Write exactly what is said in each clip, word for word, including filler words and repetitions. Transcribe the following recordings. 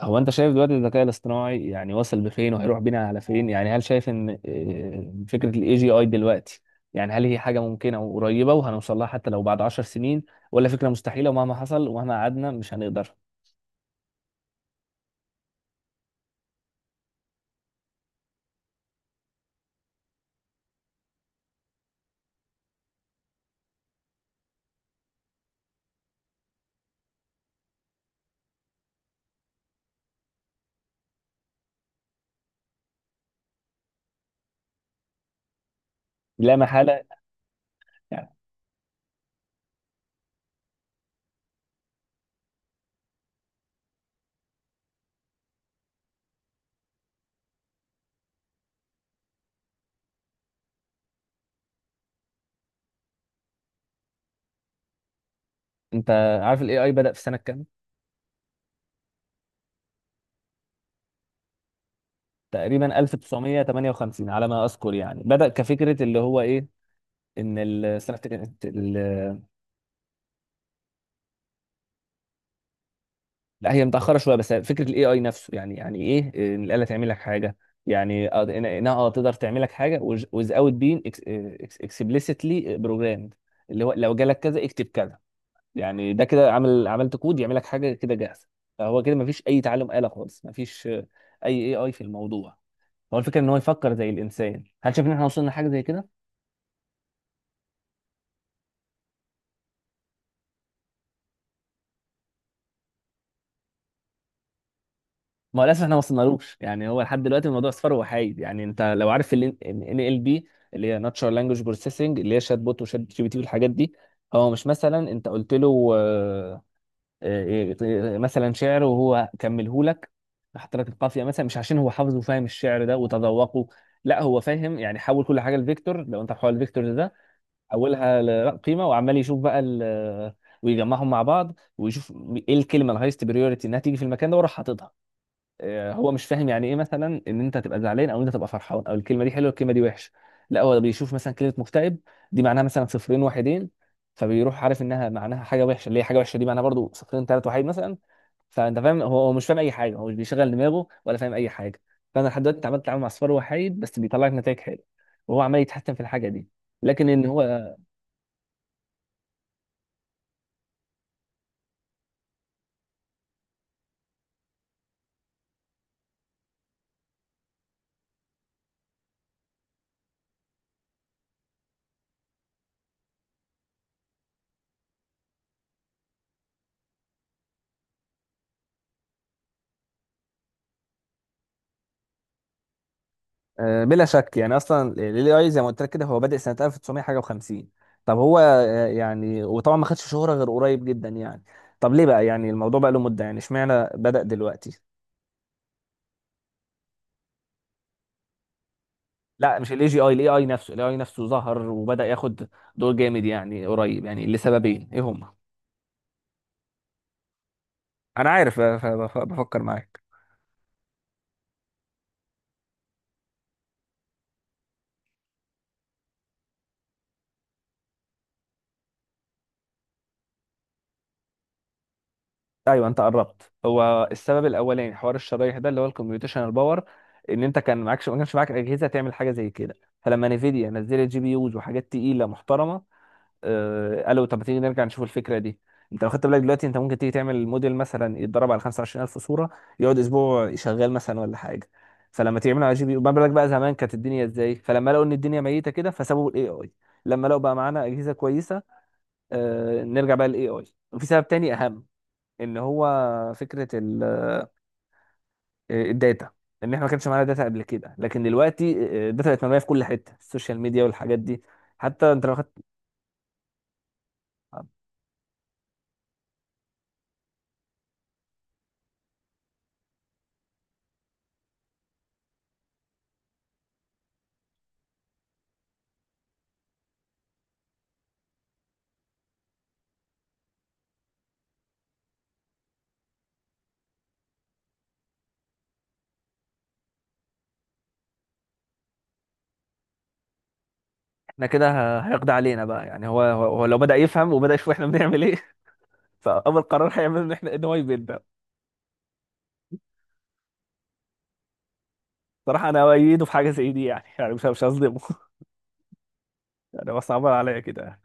هو انت شايف دلوقتي الذكاء الاصطناعي يعني وصل بفين وهيروح بينا على فين؟ يعني هل شايف ان آه، فكرة الاي جي اي دلوقتي يعني هل هي حاجة ممكنة وقريبة وهنوصل لها حتى لو بعد عشر سنين، ولا فكرة مستحيلة ومهما حصل ومهما قعدنا مش هنقدر؟ لا محالة. يعني انت عارف الاي اي بدأ في سنة كام؟ تقريبا ألف وتسعمية تمنية وخمسين على ما اذكر، يعني بدأ كفكرة، اللي هو ايه؟ ان السنة، لا هي متأخرة شوية، بس فكرة الاي اي نفسه، يعني يعني ايه آه، ان الآلة تعمل لك حاجة، يعني آه، إن- انها اه تقدر تعمل لك حاجة without being explicitly programmed، اللي هو لو جالك كذا اكتب كذا. يعني ده كده عمل، عملت كود يعمل لك حاجة كده جاهزة. فهو كده مفيش أي تعلم آلة خالص، مفيش آه، أي اي اي في الموضوع. هو الفكرة ان هو يفكر زي الإنسان، هل شايف ان احنا وصلنا لحاجة زي كده؟ ما هو للاسف احنا ما وصلنالوش، يعني هو لحد دلوقتي الموضوع اصفار وحايد. يعني انت لو عارف ال ان ال بي اللي هي ناتشرال لانجوج بروسيسنج، اللي هي شات بوت وشات جي بي تي والحاجات دي، هو مش مثلا انت قلت له آه، آه، آه، مثلا شعر وهو كملهولك، حط لك القافيه مثلا، مش عشان هو حافظ وفاهم الشعر ده وتذوقه، لا، هو فاهم يعني حول كل حاجه لفيكتور، لو انت محول الفيكتور ده حولها لقيمه، وعمال يشوف بقى ال- ويجمعهم مع بعض ويشوف ايه الكلمه الهايست بريوريتي انها تيجي في المكان ده وراح حاططها. آه، هو مش فاهم يعني ايه مثلا ان انت تبقى زعلان او ان انت تبقى فرحان، او الكلمه دي حلوه الكلمه دي وحشه، لا هو بيشوف مثلا كلمه مكتئب دي معناها مثلا صفرين واحدين، فبيروح عارف انها معناها حاجه وحشه، اللي هي حاجه وحشه دي معناها برضو صفرين ثلاث واحد مثلا. فانت فاهم، هو هو مش فاهم اي حاجه، هو مش بيشغل دماغه ولا فاهم اي حاجه. فانا لحد دلوقتي اتعاملت اتعامل مع صفار وحيد بس بيطلع لك نتائج حلوه، وهو عمال يتحسن في الحاجه دي، لكن ان هو آه، بلا شك، يعني اصلا ال إيه آي زي ما قلت لك كده هو بادئ سنه ألف وتسعمية حاجه و50. طب هو آه، يعني، وطبعا ما خدش شهره غير قريب جدا يعني. طب ليه بقى يعني الموضوع بقى له مده، يعني اشمعنى بدأ دلوقتي؟ لا، مش الاي جي اي، الاي اي نفسه، الاي اي نفسه ظهر وبدأ ياخد دور جامد يعني قريب، يعني لسببين، ايه هما؟ انا عارف آه، ف- بف- بفكر معاك. ايوه، انت قربت، هو السبب الاولاني حوار الشرايح ده، اللي هو الكمبيوتيشنال باور. ان انت كان معكش ما كانش معاك اجهزه تعمل حاجه زي كده، فلما نيفيديا نزلت جي بي يوز وحاجات تقيله محترمه، آه، قالوا طب ما تيجي نرجع نشوف الفكره دي. انت لو خدت بالك دلوقتي، انت ممكن تيجي تعمل موديل مثلا يتدرب على خمسة وعشرين ألف صورة صوره، يقعد اسبوع شغال مثلا ولا حاجه. فلما تعمله على جي بي يو، ما بالك بقى زمان كانت الدنيا ازاي؟ فلما لقوا ان الدنيا ميته كده فسابوا الاي اي، لما لقوا بقى معانا اجهزه كويسه، آه، نرجع بقى للاي اي. وفي سبب تاني اهم، ان هو فكره ال- آه، الداتا، ان احنا ما كانش معانا داتا قبل كده، لكن دلوقتي آه، آه، الداتا بقت مرميه في كل حته، السوشيال ميديا والحاجات دي. حتى انت لو خدت، احنا كده ه- هيقضي علينا بقى، يعني هو هو هو لو بدأ يفهم وبدأ يشوف احنا بنعمل ايه فأول قرار هيعمله ان احنا، ان هو يبيدنا. صراحة انا أؤيده في حاجة زي دي يعني يعني مش مش هظلمه يعني، بس عمال عليا كده يعني.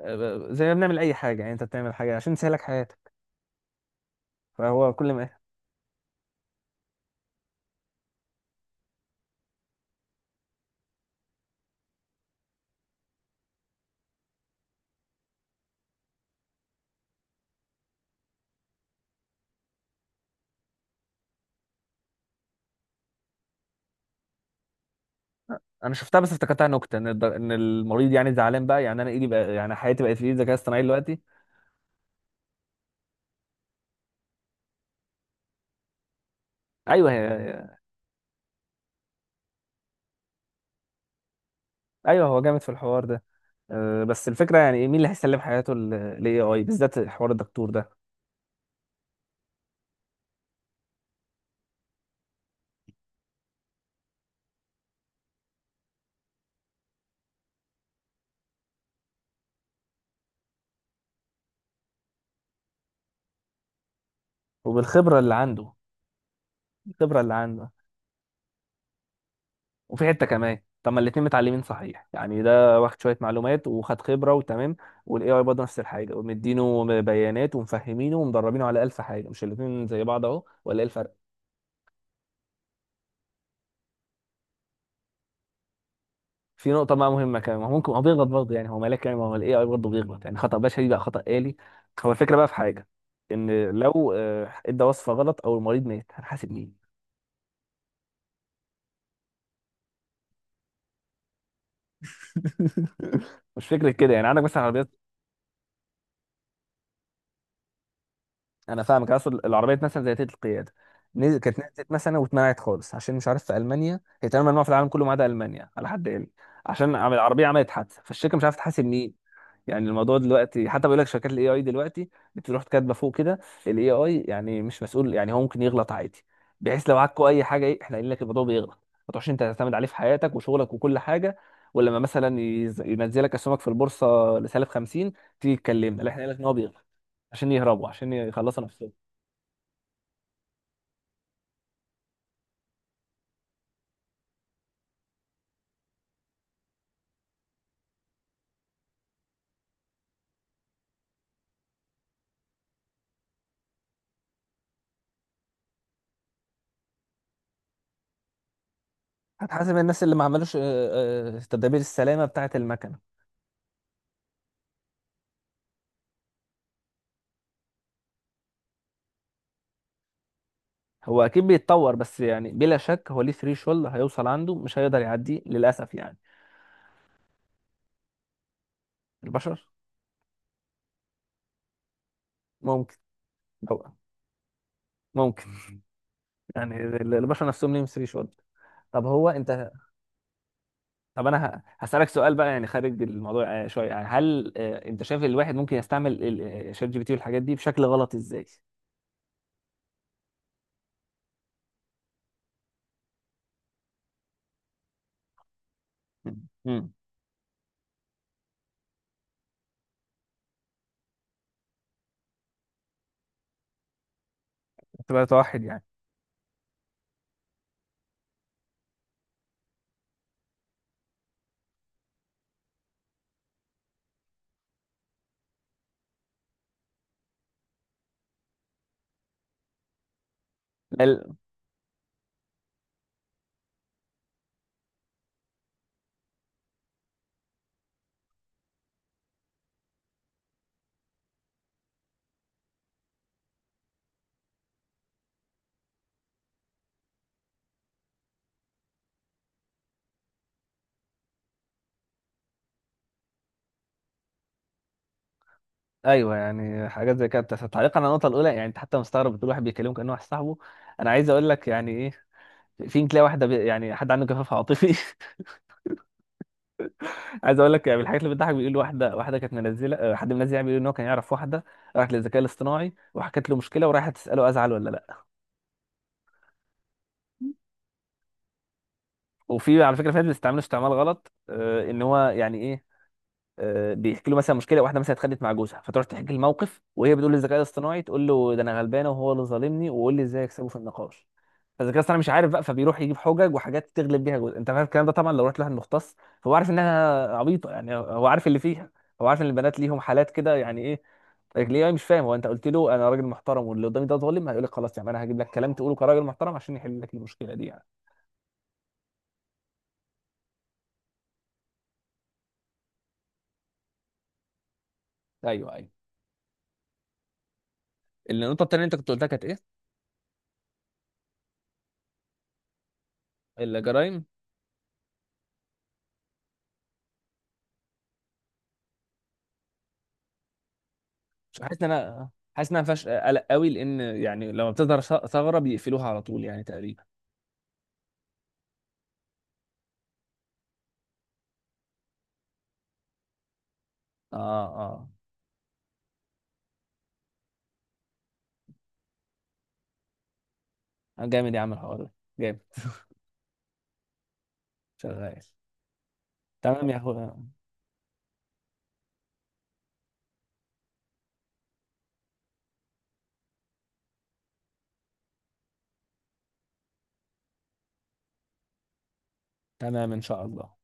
أه، زي ما بنعمل اي حاجة، يعني انت بتعمل حاجة عشان تسهلك حياتك، فهو كل ما انا شفتها بس افتكرتها نكتة، ان الد- ان المريض يعني زعلان بقى، يعني انا ايدي بقى، يعني حياتي بقت في ايد الذكاء الاصطناعي دلوقتي. ايوه هي، ايوه هو جامد في الحوار ده. أه، بس الفكرة يعني مين اللي هيسلم حياته للاي اي بالذات حوار الدكتور ده؟ وبالخبرة اللي عنده. الخبرة اللي عنده. وفي حته كمان، طب ما الاتنين متعلمين صحيح، يعني ده واخد شويه معلومات وخد خبره وتمام، والاي اي برضه نفس الحاجه، ومدينه بيانات ومفهمينه ومدربينه على الف حاجه، مش الاتنين زي بعض اهو؟ ولا ايه الفرق؟ في نقطه بقى مهمه كمان، ما هو ممكن هو بيغلط برضه يعني، هو ملاك يعني؟ ما هو الاي اي برضه بيغلط، يعني خطا بشري بقى خطا آلي. هو الفكره بقى في حاجه، ان لو آه، ادى وصفه غلط او المريض مات، هنحاسب مين؟ مش فكره كده، يعني عندك مثلا عربيات. انا فاهمك، اصل العربيات مثلا زي تيت القياده، نزل كانت نزلت مثلا واتمنعت خالص، عشان مش عارف في المانيا هي تقريبا ممنوعه في العالم كله ما عدا المانيا على حد علمي. عشان عم- العربيه عملت حادثه فالشركه مش عارفه تحاسب مين. يعني الموضوع دلوقتي، حتى بيقول لك شركات الاي اي دلوقتي بتروح كاتبه فوق كده الاي اي يعني مش مسؤول، يعني هو ممكن يغلط عادي، بحيث لو عكوا اي حاجه ايه احنا قايلين لك الموضوع بيغلط، ما تروحش انت تعتمد عليه في حياتك وشغلك وكل حاجه، ولما مثلا يز- ينزلك اسهمك في البورصه لسالب خمسين تيجي تكلمنا، لا، احنا قايل لك ان هو بيغلط، عشان يهربوا عشان يخلصوا نفسهم. هتحاسب الناس اللي ما عملوش آه، آه، تدابير السلامة بتاعة المكنة. هو أكيد بيتطور، بس يعني بلا شك هو ليه ثريشولد هيوصل عنده مش هيقدر يعديه للأسف يعني. البشر ممكن. أو ممكن، يعني ال- البشر نفسهم ليهم ثريشولد. طب هو أنت، طب أنا ه- هسألك سؤال بقى يعني خارج الموضوع آه، شوية، يعني هل آه، أنت شايف الواحد ممكن يستعمل ال- آه، شات جي بي تي والحاجات دي بشكل غلط إزاي؟ مم. مم. تبقى توحد يعني. لا. ايوه يعني حاجات زي كده، بس تعليقا على النقطه الاولى يعني انت حتى مستغرب بتقول واحد بيكلمه كانه واحد صاحبه، انا عايز اقول لك يعني ايه، في يمكن تلاقي واحده بي... يعني حد عنده جفاف عاطفي عايز اقول لك يعني من الحاجات اللي بتضحك، بيقول واحده واحده كانت منزله آه، حد منزل يعني بيقول ان هو كان يعرف واحده راحت للذكاء الاصطناعي وحكت له مشكله وراحت تساله ازعل ولا لا. وفي على فكره في ناس بيستعملوا استعمال غلط آه، ان هو يعني ايه، آه، بيحكي له مثلا مشكله، واحده مثلا اتخانقت مع جوزها فتروح تحكي الموقف، وهي بتقول للذكاء الاصطناعي تقول له ده انا غلبانه وهو اللي ظالمني، وقول لي ازاي اكسبه في النقاش. فالذكاء الاصطناعي مش عارف بقى فبيروح يجيب حجج وحاجات تغلب بيها جوزها. انت فاهم الكلام ده؟ طبعا لو رحت لواحد مختص فهو عارف انها عبيطه يعني، هو عارف اللي فيها، هو عارف ان البنات ليهم حالات كده، يعني ايه، ليه مش فاهم؟ هو انت قلت له انا راجل محترم واللي قدامي ده ظالم، هيقول لك خلاص يعني انا هجيب لك كلام تقوله كراجل محترم عشان يحل لك المشكله دي يعني. ايوه ايوه. النقطه التانيه اللي انت كنت قلتها كانت ايه؟ الجرائم. مش حاسس ان انا حاسس ان انا ما فيهاش قلق قوي، لان يعني لما بتظهر ث- ثغره بيقفلوها على طول يعني تقريبا. اه. اه. جامد يا عم الحوار ده. جامد شغال. تمام يا اخويا. تمام ان شاء الله.